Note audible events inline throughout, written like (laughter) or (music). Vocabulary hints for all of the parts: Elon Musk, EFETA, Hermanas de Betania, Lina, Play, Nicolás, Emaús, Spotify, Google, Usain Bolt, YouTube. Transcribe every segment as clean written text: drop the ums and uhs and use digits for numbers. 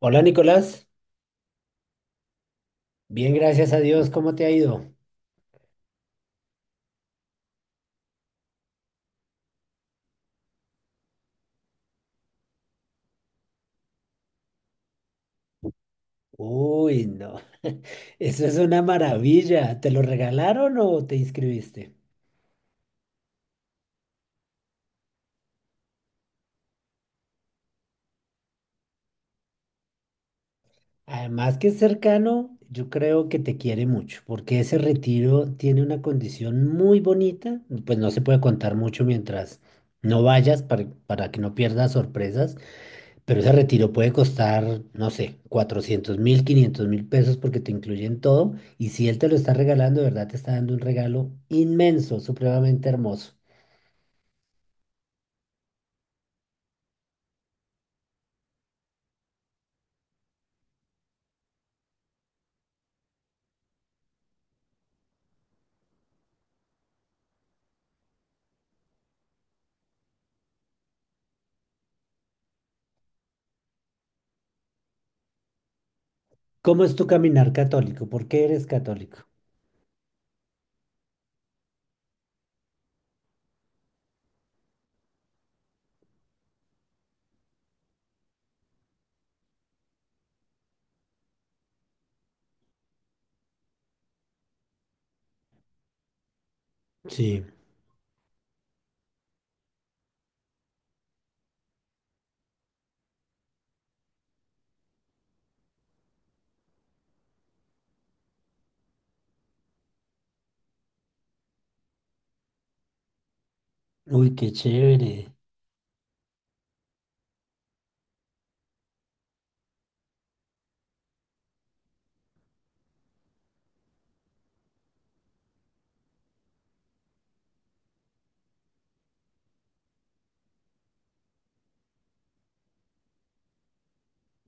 Hola Nicolás, bien, gracias a Dios, ¿cómo te ha ido? Uy, no, (laughs) eso es una maravilla, ¿te lo regalaron o te inscribiste? Además que es cercano, yo creo que te quiere mucho, porque ese retiro tiene una condición muy bonita, pues no se puede contar mucho mientras no vayas para que no pierdas sorpresas. Pero ese retiro puede costar, no sé, 400 mil, 500 mil pesos porque te incluyen todo. Y si él te lo está regalando, de verdad te está dando un regalo inmenso, supremamente hermoso. ¿Cómo es tu caminar católico? ¿Por qué eres católico? Sí. Uy, qué chévere.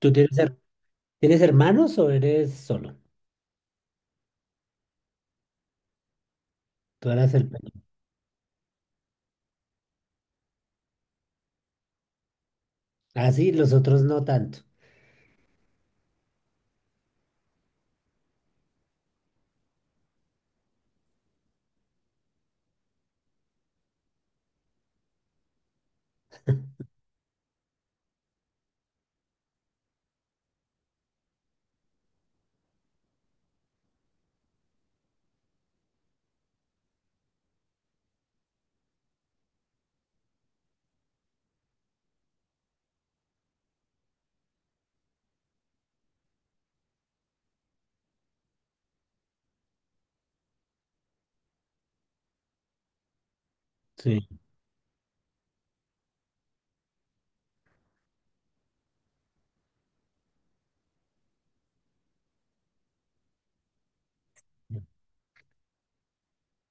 ¿Tú tienes, her- ¿Tienes hermanos o eres solo? Tú eras el... pe- Ah, sí, los otros no tanto. Sí.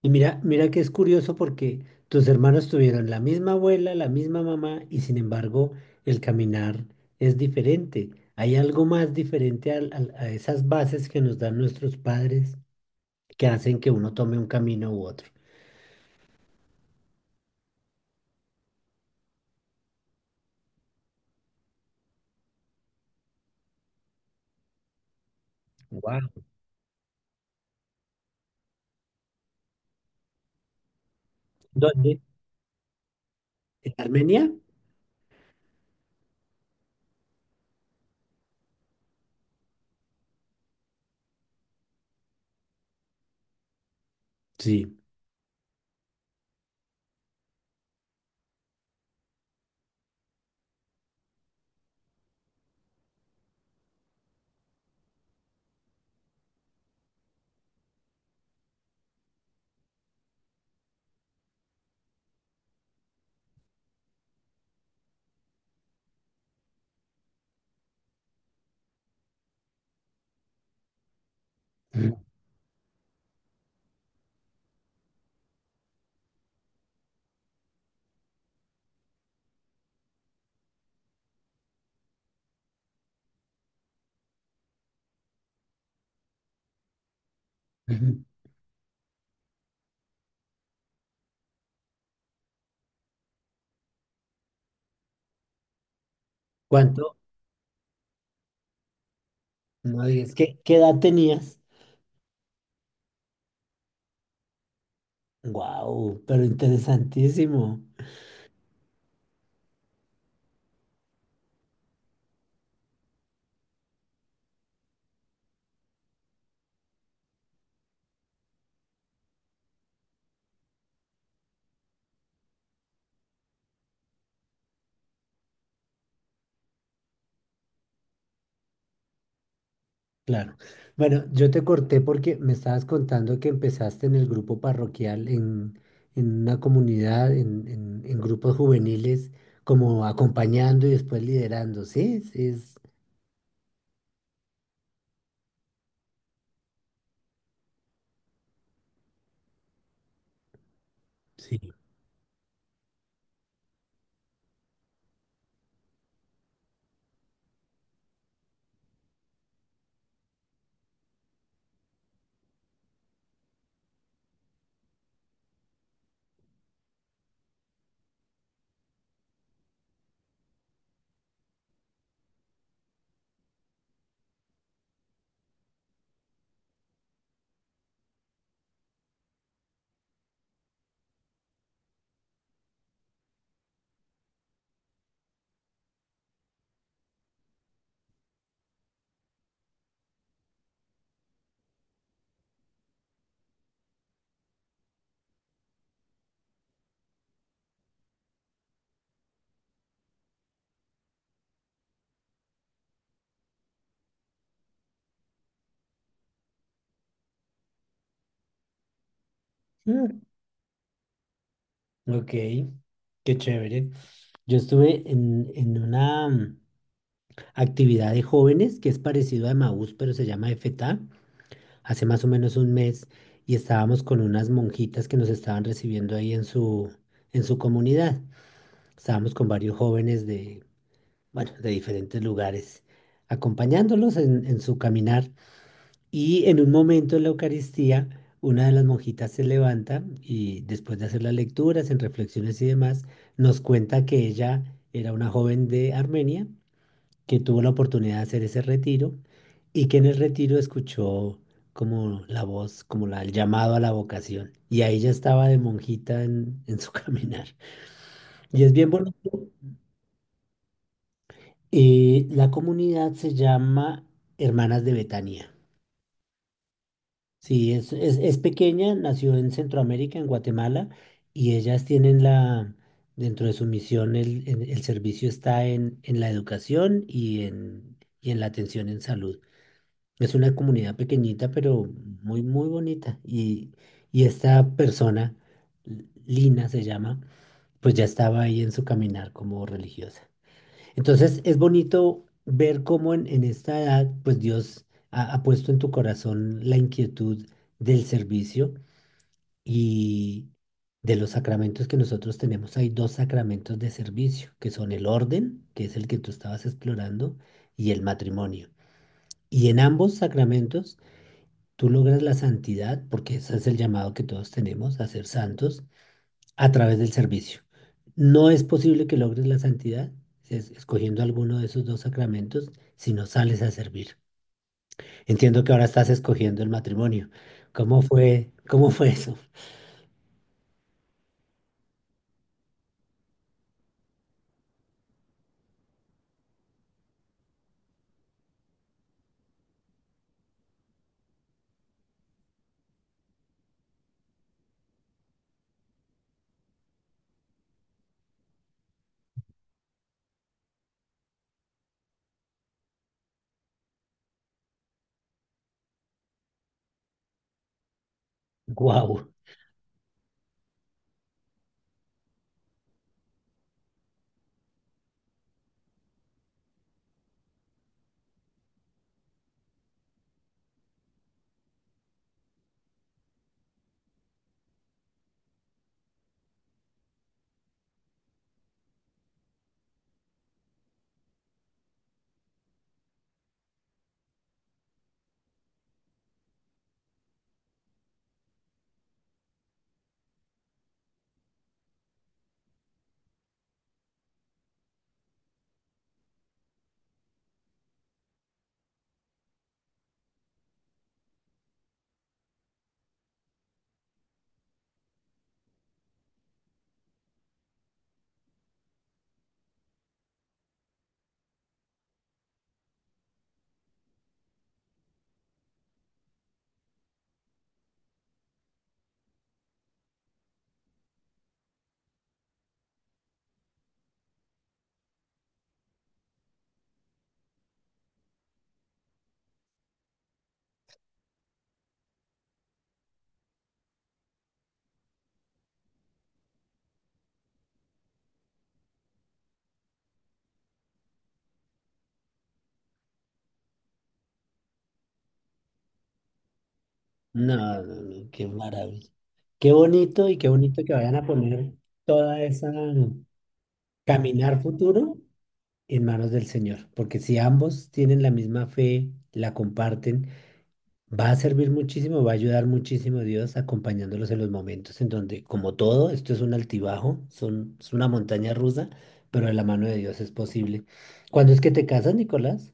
Y mira, mira que es curioso porque tus hermanos tuvieron la misma abuela, la misma mamá, y sin embargo el caminar es diferente. Hay algo más diferente a esas bases que nos dan nuestros padres que hacen que uno tome un camino u otro. Wow. ¿Dónde? ¿En Armenia? Sí. Ujú. Ujú. ¿Cuánto? No digas, ¿qué edad tenías? Wow, pero interesantísimo. Claro. Bueno, yo te corté porque me estabas contando que empezaste en el grupo parroquial, en una comunidad, en grupos juveniles, como acompañando y después liderando, ¿sí? Sí. Mm, ok, qué chévere. Yo estuve en una actividad de jóvenes que es parecido a Emaús, pero se llama EFETA, hace más o menos un mes, y estábamos con unas monjitas que nos estaban recibiendo ahí en en su comunidad. Estábamos con varios jóvenes de, bueno, de diferentes lugares, acompañándolos en su caminar. Y en un momento en la Eucaristía, una de las monjitas se levanta y después de hacer las lecturas, en reflexiones y demás, nos cuenta que ella era una joven de Armenia que tuvo la oportunidad de hacer ese retiro y que en el retiro escuchó como la voz, como la, el llamado a la vocación. Y ahí ya estaba de monjita en su (laughs) caminar. Y es bien bonito. La comunidad se llama Hermanas de Betania. Sí, es pequeña, nació en Centroamérica, en Guatemala, y ellas tienen la, dentro de su misión, el servicio está en la educación y en la atención en salud. Es una comunidad pequeñita, pero muy, muy bonita. Y esta persona, Lina se llama, pues ya estaba ahí en su caminar como religiosa. Entonces es bonito ver cómo en esta edad, pues Dios ha, ha puesto en tu corazón la inquietud del servicio y de los sacramentos que nosotros tenemos. Hay dos sacramentos de servicio, que son el orden, que es el que tú estabas explorando, y el matrimonio. Y en ambos sacramentos tú logras la santidad, porque ese es el llamado que todos tenemos a ser santos, a través del servicio. No es posible que logres la santidad si es- escogiendo alguno de esos dos sacramentos si no sales a servir. Entiendo que ahora estás escogiendo el matrimonio. Cómo fue eso? Guau. No, no, no, qué maravilla. Qué bonito y qué bonito que vayan a poner toda esa caminar futuro en manos del Señor, porque si ambos tienen la misma fe, la comparten. Va a servir muchísimo, va a ayudar muchísimo Dios acompañándolos en los momentos en donde, como todo, esto es un altibajo, son, es una montaña rusa, pero de la mano de Dios es posible. ¿Cuándo es que te casas, Nicolás?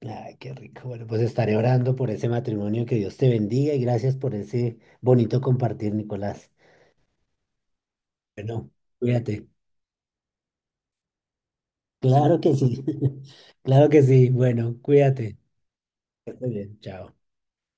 Ay, qué rico. Bueno, pues estaré orando por ese matrimonio, que Dios te bendiga y gracias por ese bonito compartir, Nicolás. Bueno, cuídate. Claro que sí. (laughs) Claro que sí. Bueno, cuídate. Muy bien, chao.